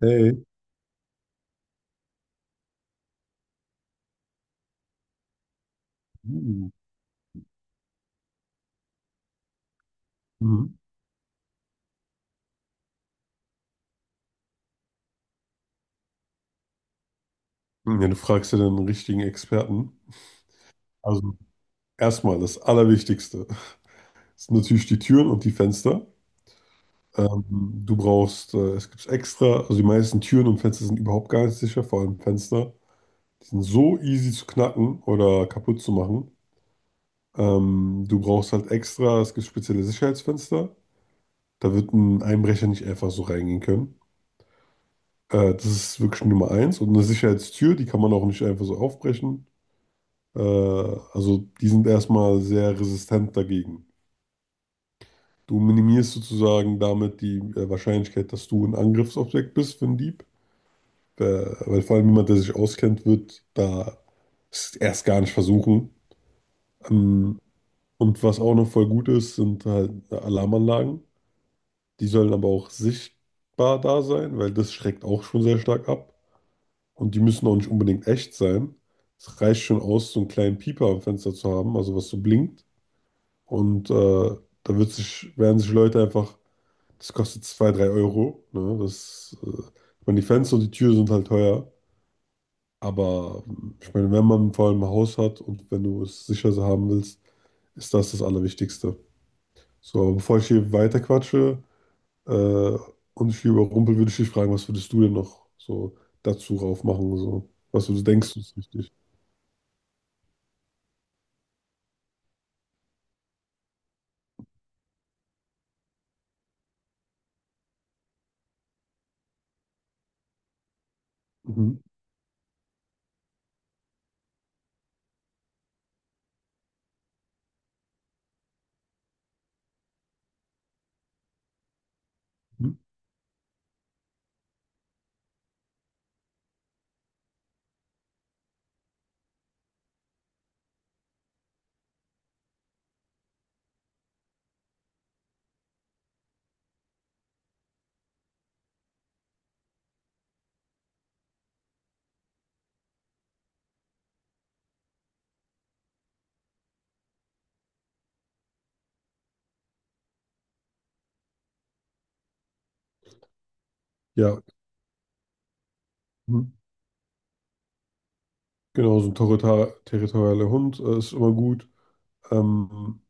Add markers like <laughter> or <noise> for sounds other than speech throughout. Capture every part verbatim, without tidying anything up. Hey. Mhm. Mhm. Ja, du fragst ja den richtigen Experten. Also erstmal das Allerwichtigste ist natürlich die Türen und die Fenster. Ähm, du brauchst, äh, es gibt extra, also die meisten Türen und Fenster sind überhaupt gar nicht sicher, vor allem Fenster. Die sind so easy zu knacken oder kaputt zu machen. Ähm, du brauchst halt extra, es gibt spezielle Sicherheitsfenster. Da wird ein Einbrecher nicht einfach so reingehen können. Äh, das ist wirklich Nummer eins. Und eine Sicherheitstür, die kann man auch nicht einfach so aufbrechen. Äh, also die sind erstmal sehr resistent dagegen. Du minimierst sozusagen damit die äh, Wahrscheinlichkeit, dass du ein Angriffsobjekt bist für einen Dieb. Äh, weil vor allem jemand, der sich auskennt, wird da es erst gar nicht versuchen. Ähm, und was auch noch voll gut ist, sind halt Alarmanlagen. Die sollen aber auch sichtbar da sein, weil das schreckt auch schon sehr stark ab. Und die müssen auch nicht unbedingt echt sein. Es reicht schon aus, so einen kleinen Pieper am Fenster zu haben, also was so blinkt. Und äh, da wird sich, werden sich Leute einfach, das kostet zwei drei Euro. Ne? Das, äh, ich meine, die Fenster und die Türen sind halt teuer. Aber ähm, ich meine, wenn man vor allem ein Haus hat und wenn du es sicher so haben willst, ist das das Allerwichtigste. So, aber bevor ich hier weiterquatsche äh, und ich hier überrumpel, würde ich dich fragen, was würdest du denn noch so dazu raufmachen? So? Was du so denkst, ist wichtig. Mhm. Mhm. Ja, mhm. Genau, so ein territor- territorialer Hund äh, ist immer gut. Ähm,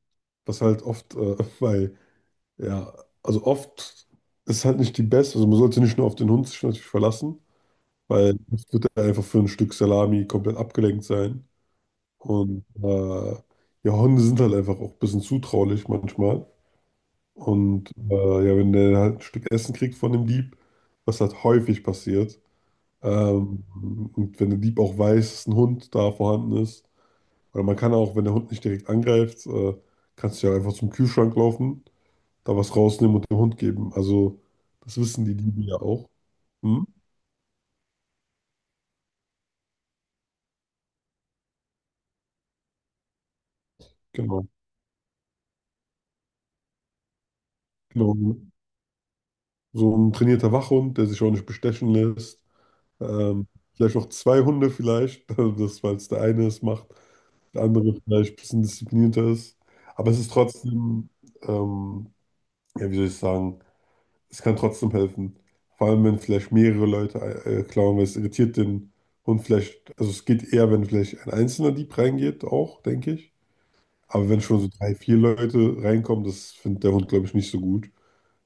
was halt oft äh, <laughs> bei, ja, also oft ist halt nicht die beste, also man sollte nicht nur auf den Hund sich natürlich verlassen, weil oft wird er einfach für ein Stück Salami komplett abgelenkt sein. Und äh, ja, Hunde sind halt einfach auch ein bisschen zutraulich manchmal. Und äh, ja, wenn der halt ein Stück Essen kriegt von dem Dieb, was halt häufig passiert, ähm, und wenn der Dieb auch weiß, dass ein Hund da vorhanden ist, oder man kann auch, wenn der Hund nicht direkt angreift, äh, kannst du ja einfach zum Kühlschrank laufen, da was rausnehmen und dem Hund geben. Also, das wissen die Diebe ja auch. Hm? Genau, genau. So ein trainierter Wachhund, der sich auch nicht bestechen lässt. Ähm, vielleicht auch zwei Hunde vielleicht, <laughs> das, weil es der eine es macht, der andere vielleicht ein bisschen disziplinierter ist. Aber es ist trotzdem, ähm, ja, wie soll ich sagen, es kann trotzdem helfen. Vor allem, wenn vielleicht mehrere Leute äh, klauen, weil es irritiert den Hund vielleicht. Also es geht eher, wenn vielleicht ein einzelner Dieb reingeht, auch, denke ich. Aber wenn schon so drei, vier Leute reinkommen, das findet der Hund, glaube ich, nicht so gut.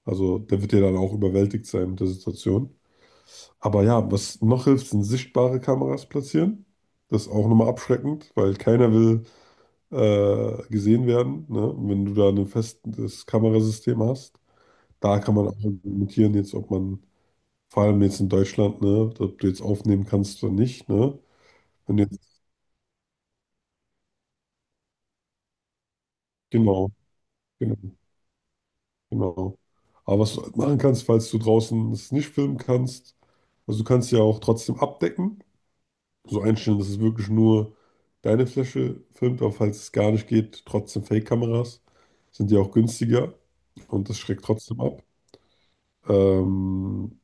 Also der wird ja dann auch überwältigt sein mit der Situation. Aber ja, was noch hilft, sind sichtbare Kameras platzieren. Das ist auch nochmal abschreckend, weil keiner will äh, gesehen werden. Ne? Und wenn du da ein festes Kamerasystem hast, da kann man auch argumentieren, jetzt, ob man vor allem jetzt in Deutschland, ne? Ob du jetzt aufnehmen kannst oder nicht, ne? Wenn du jetzt, genau, genau, genau. Aber was du halt machen kannst, falls du draußen es nicht filmen kannst, also du kannst ja auch trotzdem abdecken, so einstellen, dass es wirklich nur deine Fläche filmt, aber falls es gar nicht geht, trotzdem Fake-Kameras sind ja auch günstiger und das schreckt trotzdem ab. Ähm,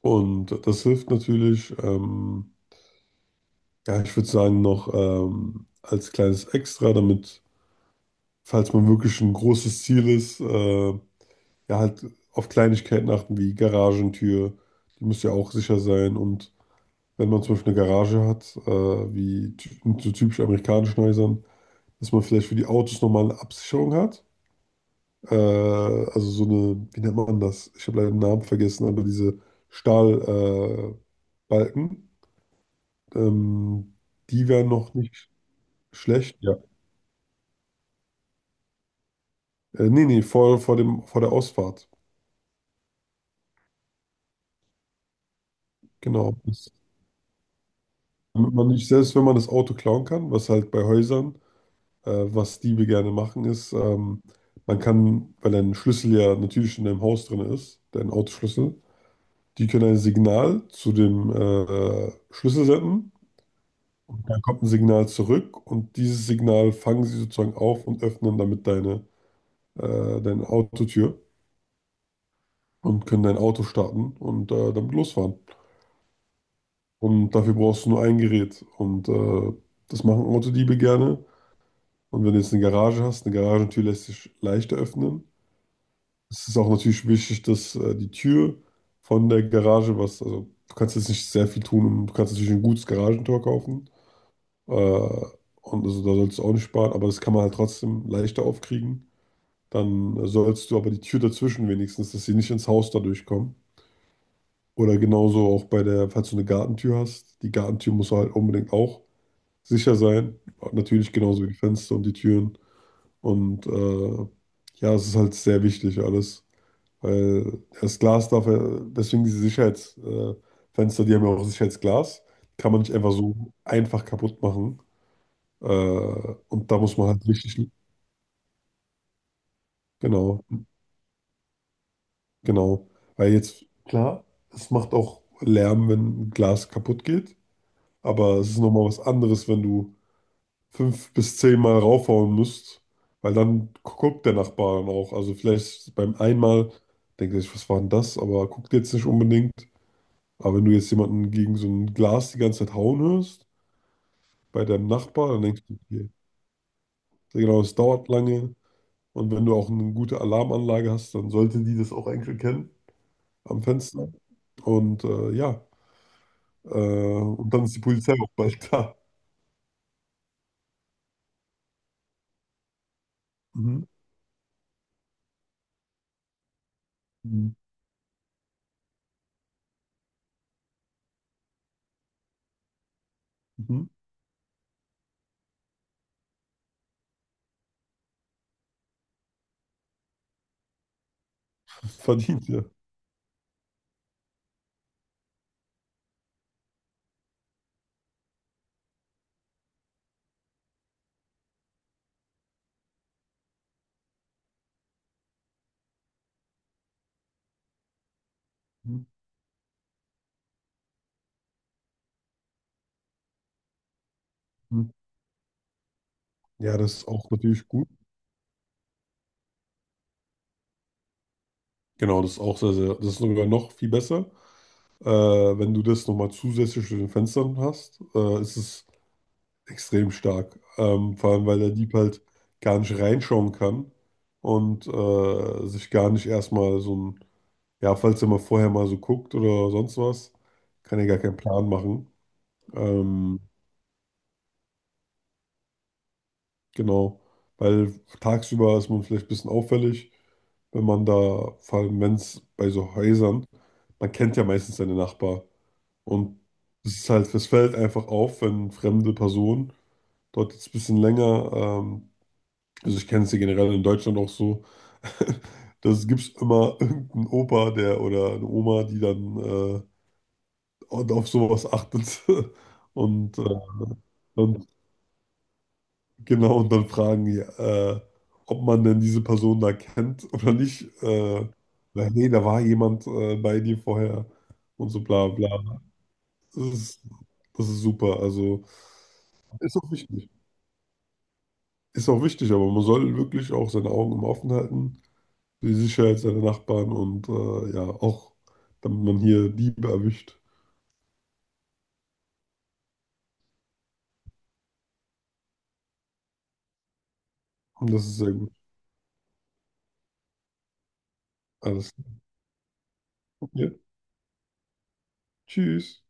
und das hilft natürlich, ähm, ja, ich würde sagen, noch ähm, als kleines Extra, damit. Falls man wirklich ein großes Ziel ist, äh, ja, halt auf Kleinigkeiten achten wie Garagentür, die muss ja auch sicher sein. Und wenn man zum Beispiel eine Garage hat, äh, wie ty- in so typisch amerikanischen Häusern, dass man vielleicht für die Autos nochmal eine Absicherung hat. Äh, also so eine, wie nennt man das? Ich habe leider den Namen vergessen, aber diese Stahlbalken, äh, Balken, ähm, die wären noch nicht schlecht. Ja. Äh, nee, nee, vor, vor dem, vor der Ausfahrt. Genau. Damit man nicht, selbst wenn man das Auto klauen kann, was halt bei Häusern, äh, was Diebe gerne machen, ist, ähm, man kann, weil ein Schlüssel ja natürlich in deinem Haus drin ist, dein Autoschlüssel, die können ein Signal zu dem äh, Schlüssel senden. Dann kommt ein Signal zurück und dieses Signal fangen sie sozusagen auf und öffnen damit deine, äh, deine Autotür und können dein Auto starten und äh, damit losfahren. Und dafür brauchst du nur ein Gerät. Und äh, das machen Autodiebe gerne. Und wenn du jetzt eine Garage hast, eine Garagentür lässt sich leichter öffnen. Es ist auch natürlich wichtig, dass äh, die Tür von der Garage, was, also du kannst jetzt nicht sehr viel tun, und du kannst natürlich ein gutes Garagentor kaufen. Äh, und also da sollst du auch nicht sparen, aber das kann man halt trotzdem leichter aufkriegen. Dann sollst du aber die Tür dazwischen wenigstens, dass sie nicht ins Haus dadurch kommen. Oder genauso auch bei der, falls du eine Gartentür hast, die Gartentür muss halt unbedingt auch sicher sein. Natürlich genauso wie die Fenster und die Türen. Und äh, ja, es ist halt sehr wichtig alles, weil das Glas darf, ja- deswegen diese Sicherheitsfenster, äh, Fenster, die haben ja auch Sicherheitsglas, kann man nicht einfach so einfach kaputt machen. Äh, und da muss man halt richtig, genau, genau. Weil jetzt, klar, es macht auch Lärm, wenn Glas kaputt geht, aber es ist nochmal was anderes, wenn du fünf bis zehn Mal raufhauen musst, weil dann guckt der Nachbar dann auch. Also vielleicht beim einmal denkt er sich, was war denn das? Aber guckt jetzt nicht unbedingt. Aber wenn du jetzt jemanden gegen so ein Glas die ganze Zeit hauen hörst, bei deinem Nachbar, dann denkst du, okay, sehr genau, es dauert lange. Und wenn du auch eine gute Alarmanlage hast, dann sollte die das auch eigentlich erkennen am Fenster. Und äh, ja, äh, und dann ist die Polizei auch bald <laughs> da. Mhm. Mhm. Mhm. Verdient, ja. Mhm. Mhm. Ja, das ist auch natürlich gut. Genau, das ist auch sehr, sehr, das ist sogar noch viel besser. Äh, wenn du das nochmal zusätzlich zu den Fenstern hast, äh, ist es extrem stark. Ähm, vor allem, weil der Dieb halt gar nicht reinschauen kann und äh, sich gar nicht erstmal so ein, ja, falls er mal vorher mal so guckt oder sonst was, kann er gar keinen Plan machen. Ähm, genau, weil tagsüber ist man vielleicht ein bisschen auffällig, wenn man da, vor allem wenn es bei so Häusern, man kennt ja meistens seine Nachbarn. Und es ist halt, es fällt einfach auf, wenn fremde Personen dort jetzt ein bisschen länger, ähm, also ich kenne es ja generell in Deutschland auch so, <laughs> das gibt's immer irgendeinen Opa, der oder eine Oma, die dann äh, und auf sowas achtet. <laughs> Und, äh, und genau, und dann fragen die, äh, ob man denn diese Person da kennt oder nicht. Äh, weil, nee, da war jemand äh, bei dir vorher und so bla bla. Das ist, das ist super. Also ist auch wichtig. Ist auch wichtig, aber man soll wirklich auch seine Augen immer offen halten für die Sicherheit seiner Nachbarn und äh, ja, auch damit man hier Diebe erwischt. Und das ist sehr gut. Alles klar. Ja. Tschüss.